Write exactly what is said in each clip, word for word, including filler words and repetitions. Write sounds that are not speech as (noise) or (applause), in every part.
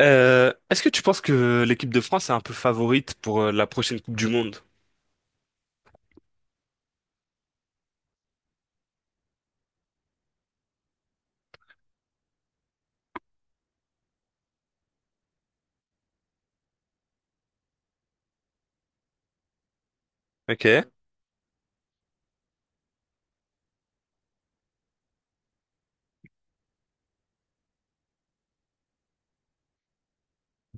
Euh, est-ce que tu penses que l'équipe de France est un peu favorite pour euh, la prochaine Coupe du Monde? Ok.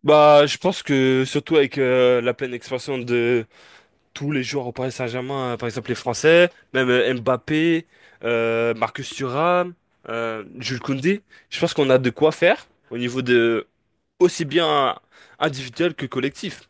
Bah, je pense que surtout avec euh, la pleine expansion de tous les joueurs au Paris Saint-Germain, euh, par exemple les Français, même euh, Mbappé, euh, Marcus Thuram, euh, Jules Koundé. Je pense qu'on a de quoi faire au niveau de, aussi bien individuel que collectif.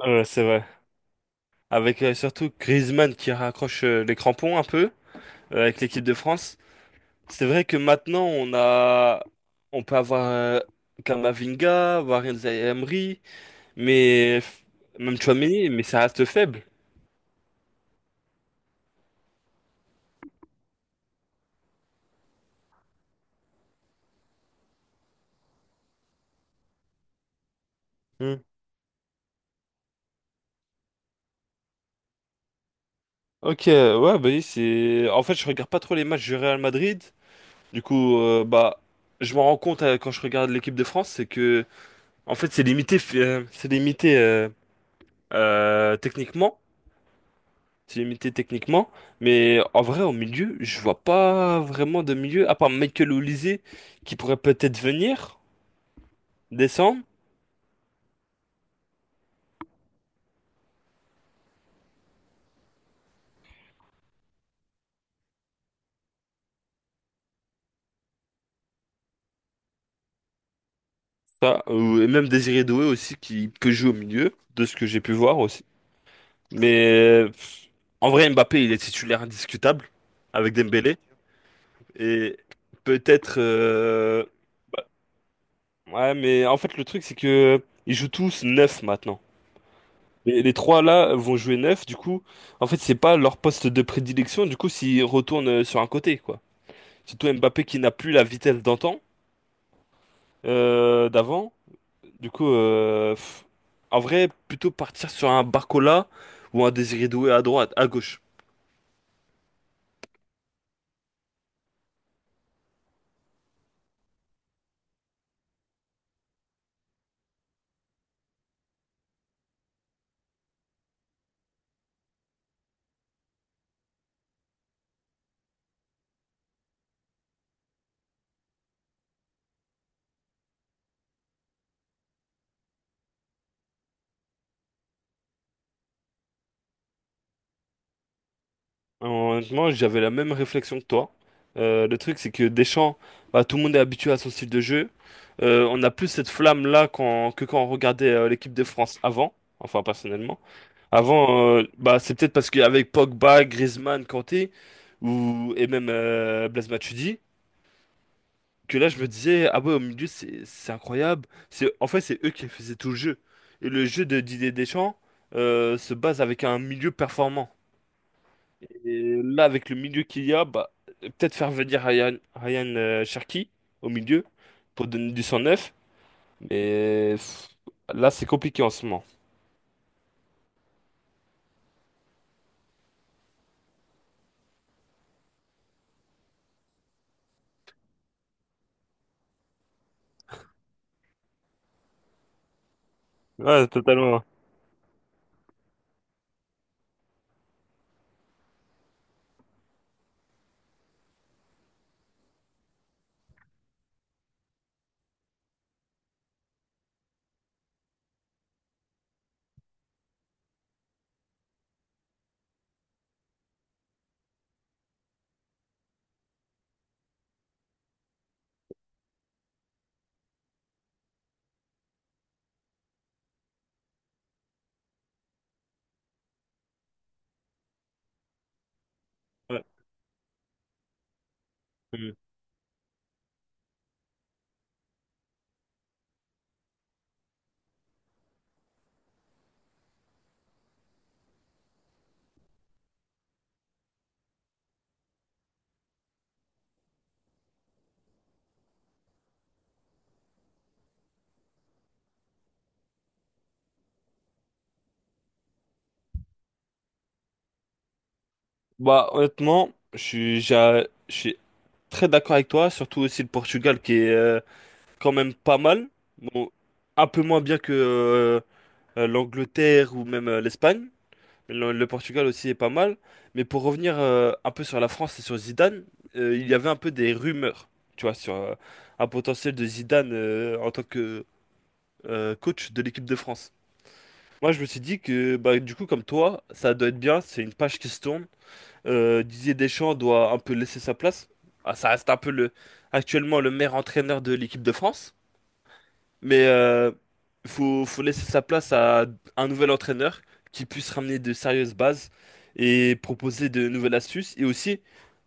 Euh, c'est vrai. Avec euh, surtout Griezmann qui raccroche euh, les crampons un peu euh, avec l'équipe de France. C'est vrai que maintenant on a, on peut avoir euh, Camavinga, Warren Zaïre Emery, mais même Tchouaméni, mais ça reste faible. Ok, ouais, bah oui, c'est. En fait, je regarde pas trop les matchs du Real Madrid. Du coup, euh, bah, je m'en rends compte euh, quand je regarde l'équipe de France, c'est que, en fait, c'est limité, f- euh, c'est limité euh, euh, techniquement, c'est limité techniquement. Mais en vrai, au milieu, je vois pas vraiment de milieu, à part Michael Olise qui pourrait peut-être venir descendre, ça, ou et même Désiré Doué aussi qui que joue au milieu, de ce que j'ai pu voir aussi. Mais euh, en vrai, Mbappé, il est titulaire indiscutable avec Dembélé. Et peut-être. Euh, Ouais, mais en fait, le truc, c'est que ils jouent tous neuf maintenant. Les, les trois là vont jouer neuf du coup, en fait, c'est pas leur poste de prédilection, du coup, s'ils retournent euh, sur un côté, quoi. Surtout Mbappé qui n'a plus la vitesse d'antan, euh, d'avant. Du coup, euh, pff, en vrai, plutôt partir sur un Barcola ou un Désiré Doué à droite, à gauche. Honnêtement, j'avais la même réflexion que toi. Euh, le truc, c'est que Deschamps, bah, tout le monde est habitué à son style de jeu. Euh, on n'a plus cette flamme-là quand- que quand on regardait euh, l'équipe de France avant. Enfin, personnellement. Avant, euh, bah, c'est peut-être parce qu'avec Pogba, Griezmann, Kanté, ou, et même euh, Blaise Matuidi, que là, je me disais, ah ouais, au milieu, c'est c'est incroyable. C'est, en fait, c'est eux qui faisaient tout le jeu. Et le jeu de Didier Deschamps euh, se base avec un milieu performant. Et là, avec le milieu qu'il y a, bah, peut-être faire venir Ryan, Ryan euh, Cherki au milieu pour donner du sang neuf. Mais pff, là, c'est compliqué en ce moment. Ouais, totalement. Ouais. Mm. Bah, honnêtement, je suis, j'a- je suis très d'accord avec toi, surtout aussi le Portugal qui est euh, quand même pas mal. Bon, un peu moins bien que euh, euh, l'Angleterre ou même euh, l'Espagne. Le, le Portugal aussi est pas mal. Mais pour revenir euh, un peu sur la France et sur Zidane, euh, il y avait un peu des rumeurs, tu vois, sur euh, un potentiel de Zidane euh, en tant que euh, coach de l'équipe de France. Moi, je me suis dit que, bah, du coup, comme toi, ça doit être bien, c'est une page qui se tourne. Euh, Didier Deschamps doit un peu laisser sa place. Ah, ça reste un peu le, actuellement le meilleur entraîneur de l'équipe de France. Mais euh, faut, faut laisser sa place à un nouvel entraîneur qui puisse ramener de sérieuses bases et proposer de nouvelles astuces. Et aussi,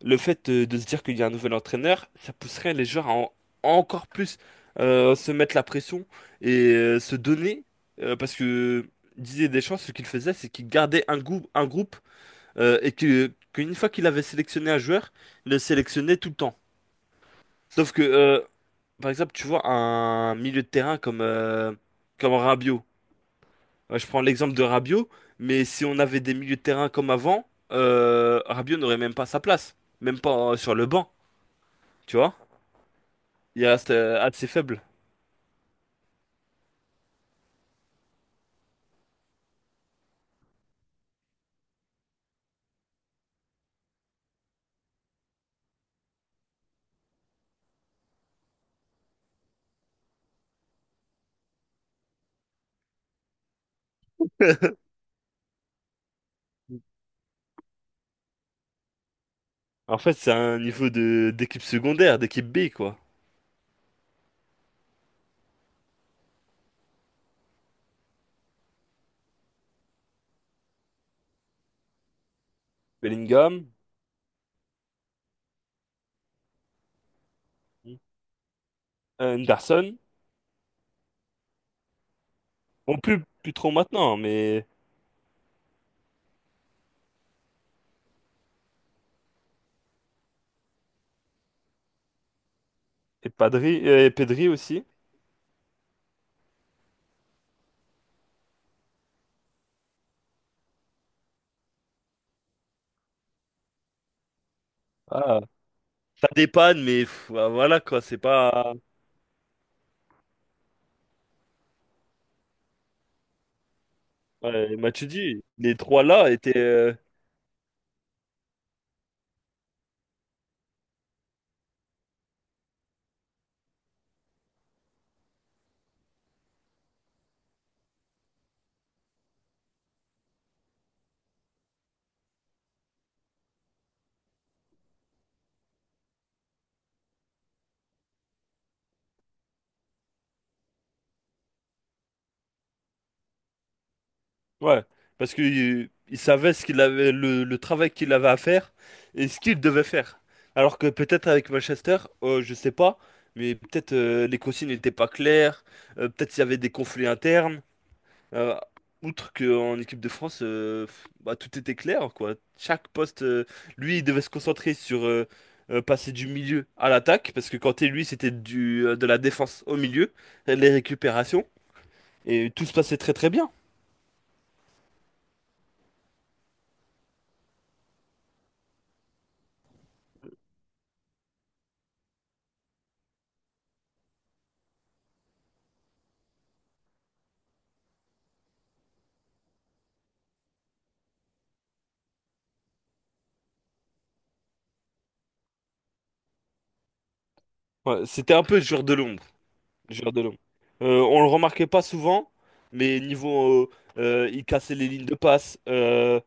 le fait de, de se dire qu'il y a un nouvel entraîneur, ça pousserait les joueurs à en- encore plus euh, se mettre la pression et euh, se donner. Euh, parce que Didier Deschamps, ce qu'il faisait, c'est qu'il gardait un groupe, un groupe euh, et que, qu'une fois qu'il avait sélectionné un joueur, il le sélectionnait tout le temps. Sauf que, euh, par exemple, tu vois un milieu de terrain comme, euh, comme Rabiot. Euh, Je prends l'exemple de Rabiot, mais si on avait des milieux de terrain comme avant, euh, Rabiot n'aurait même pas sa place, même pas euh, sur le banc, tu vois? Il reste euh, assez faible. (laughs) En fait, c'est un niveau de d'équipe secondaire, d'équipe B, quoi. Bellingham, euh, Henderson, bon, plus, plus trop maintenant, hein, mais... Et Padri, euh, et Pedri aussi. Voilà. T'as des pannes, mais pff, voilà, quoi, c'est pas... Ouais, Matuidi, les trois là étaient. Euh, ouais, parce qu'il il savait ce qu'il avait, le, le travail qu'il avait à faire et ce qu'il devait faire. Alors que peut-être avec Manchester, euh, je sais pas, mais peut-être euh, les consignes n'étaient pas claires, euh, peut-être s'il y avait des conflits internes. euh, Outre qu'en équipe de France, euh, pff, bah, tout était clair, quoi. Chaque poste, euh, lui, il devait se concentrer sur euh, euh, passer du milieu à l'attaque, parce que quand Kanté, lui, c'était du, euh, de la défense au milieu, les récupérations. Et tout se passait très très bien. Ouais, c'était un peu le joueur de l'ombre. Le joueur de l'ombre. Euh, on le remarquait pas souvent, mais niveau, euh, euh, il cassait les lignes de passe, euh,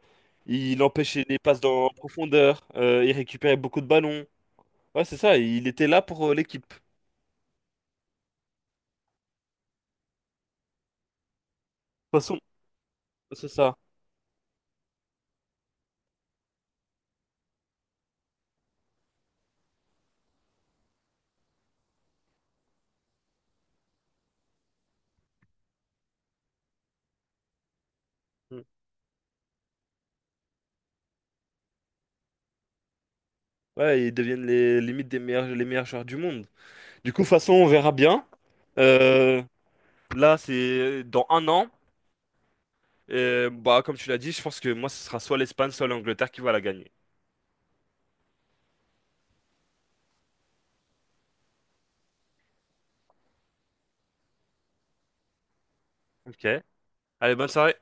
il empêchait les passes dans, en profondeur, euh, il récupérait beaucoup de ballons. Ouais, c'est ça, il était là pour euh, l'équipe. De toute façon, c'est ça. Mm. Ouais, ils deviennent les limites des meilleurs, les meilleurs joueurs du monde. Du coup, de toute façon, on verra bien. Euh, Là, c'est dans un an. Et, bah, comme tu l'as dit, je pense que moi, ce sera soit l'Espagne, soit l'Angleterre qui va la gagner. Ok. Allez, bonne soirée.